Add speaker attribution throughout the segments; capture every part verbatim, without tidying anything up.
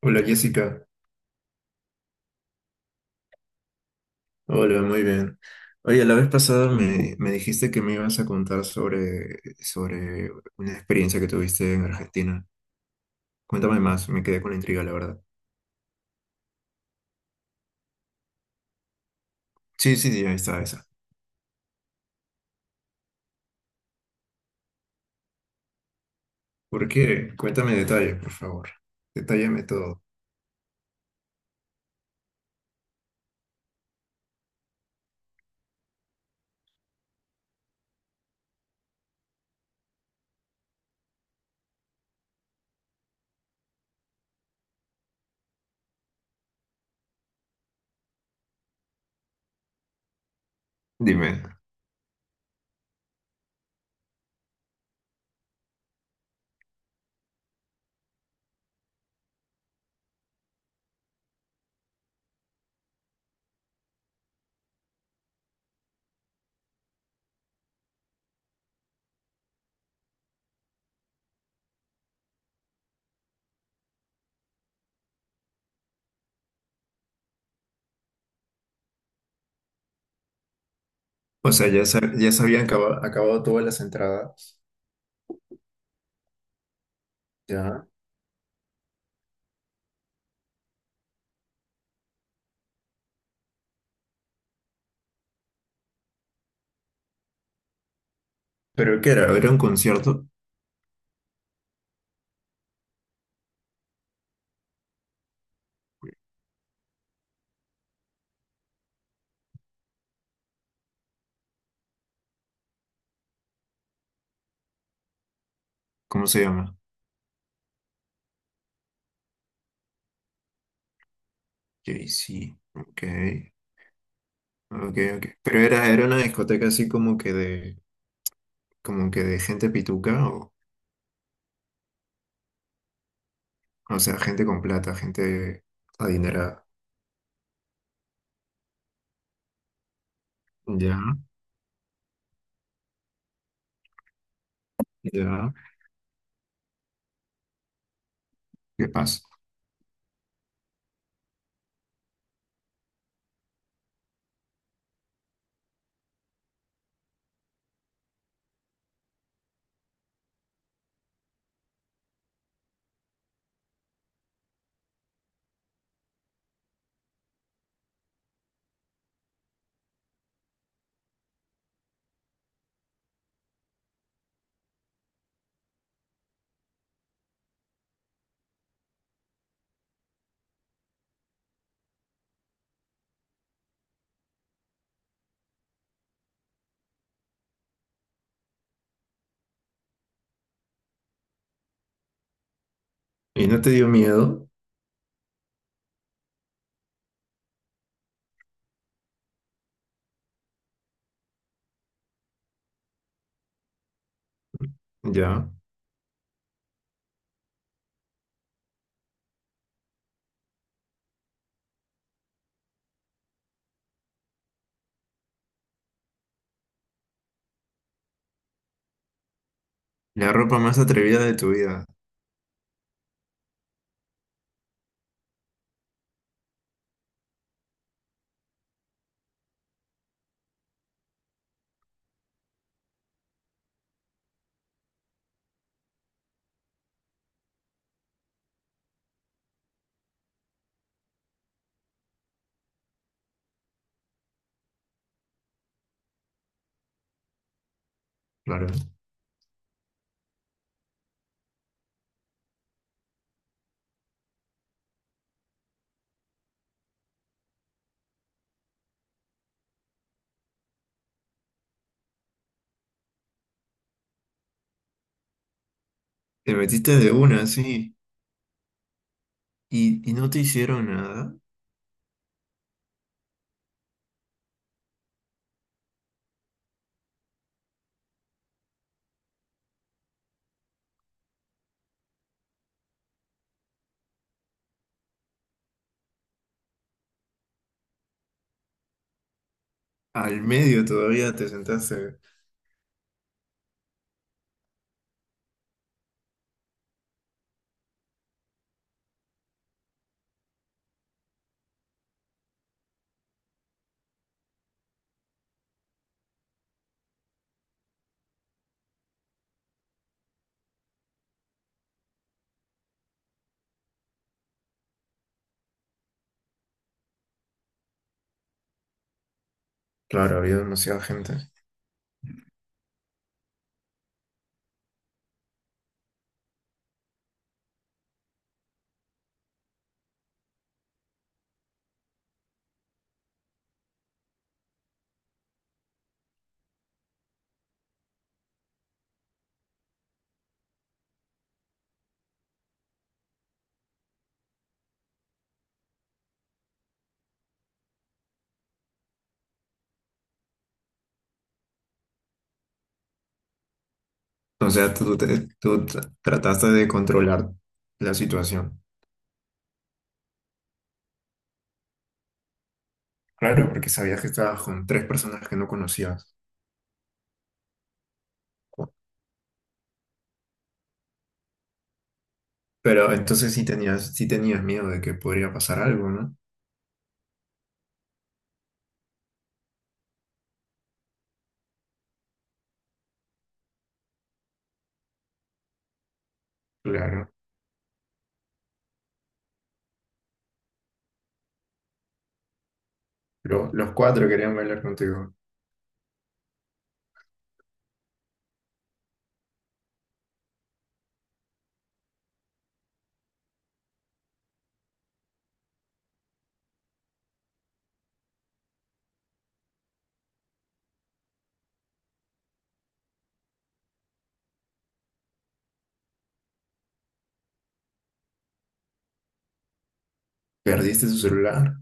Speaker 1: Hola Jessica, hola, muy bien. Oye, la vez pasada me, me dijiste que me ibas a contar sobre, sobre una experiencia que tuviste en Argentina. Cuéntame más, me quedé con la intriga, la verdad. Sí, sí, ya está esa. ¿Por qué? Cuéntame detalles, por favor. Detállame todo. Dime. O sea, ya, se- ya se habían acaba- acabado todas las entradas, ¿ya? ¿Pero qué era? ¿Era un concierto? ¿Cómo se llama? Sí, sí. Ok, ok, ok. Pero era, era una discoteca así como que de... como que de gente pituca, o, o sea, gente con plata, gente adinerada. Ya, ya, ¿qué pasa? Y no te dio miedo, ya. La ropa más atrevida de tu vida, claro. Te metiste de una, sí, y, y no te hicieron nada. Al medio todavía te sentaste. Claro, había demasiada gente. O sea, tú, te- tú tra- trataste de controlar la situación. Claro, porque sabías que estabas con tres personas que no conocías. Pero entonces sí tenías, sí tenías miedo de que podría pasar algo, ¿no? Claro. Pero los cuatro querían bailar contigo. Perdiste su celular.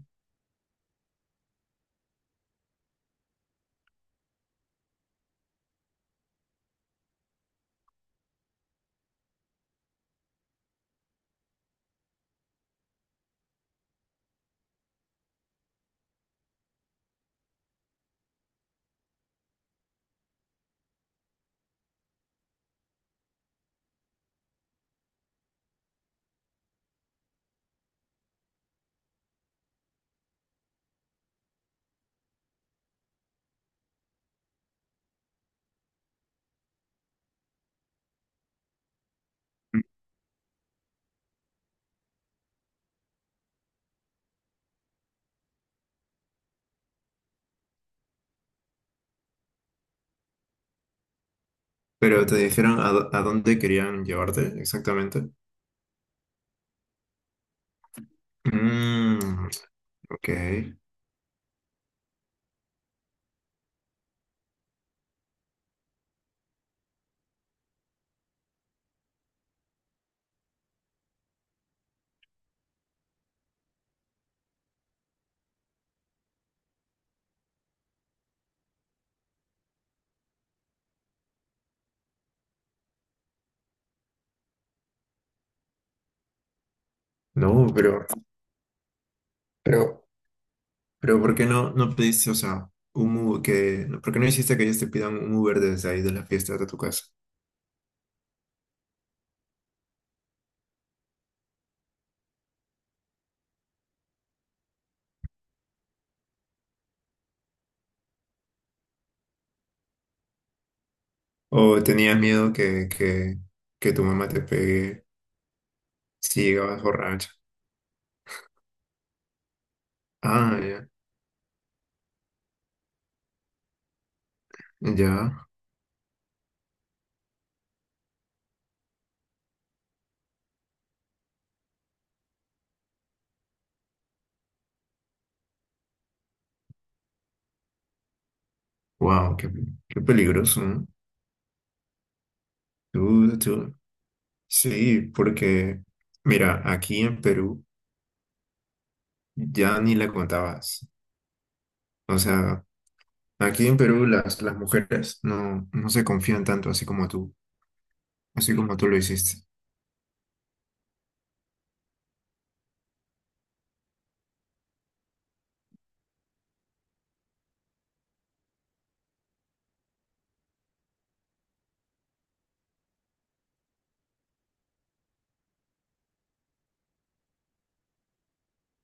Speaker 1: Pero te dijeron a, dó- a dónde querían llevarte exactamente. Mm, ok. No, pero, pero, pero ¿por qué no, no pediste, o sea, un Uber que, no, ¿por qué no hiciste que ellos te pidan un Uber desde ahí de la fiesta hasta tu casa? ¿O tenías miedo que, que, que tu mamá te pegue si llegabas borracha? Ah, ya, ya. Wow, qué, qué peligroso, ¿no? Tú- tú- Sí, porque, mira, aquí en Perú ya ni la contabas. O sea, aquí en Perú las, las mujeres no, no se confían tanto así como tú, así como tú lo hiciste.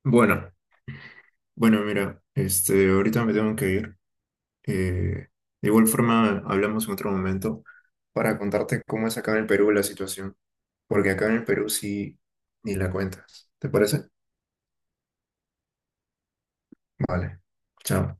Speaker 1: Bueno, bueno, mira, este, ahorita me tengo que ir. Eh, de igual forma, hablamos en otro momento para contarte cómo es acá en el Perú la situación, porque acá en el Perú sí ni la cuentas. ¿Te parece? Vale, chao.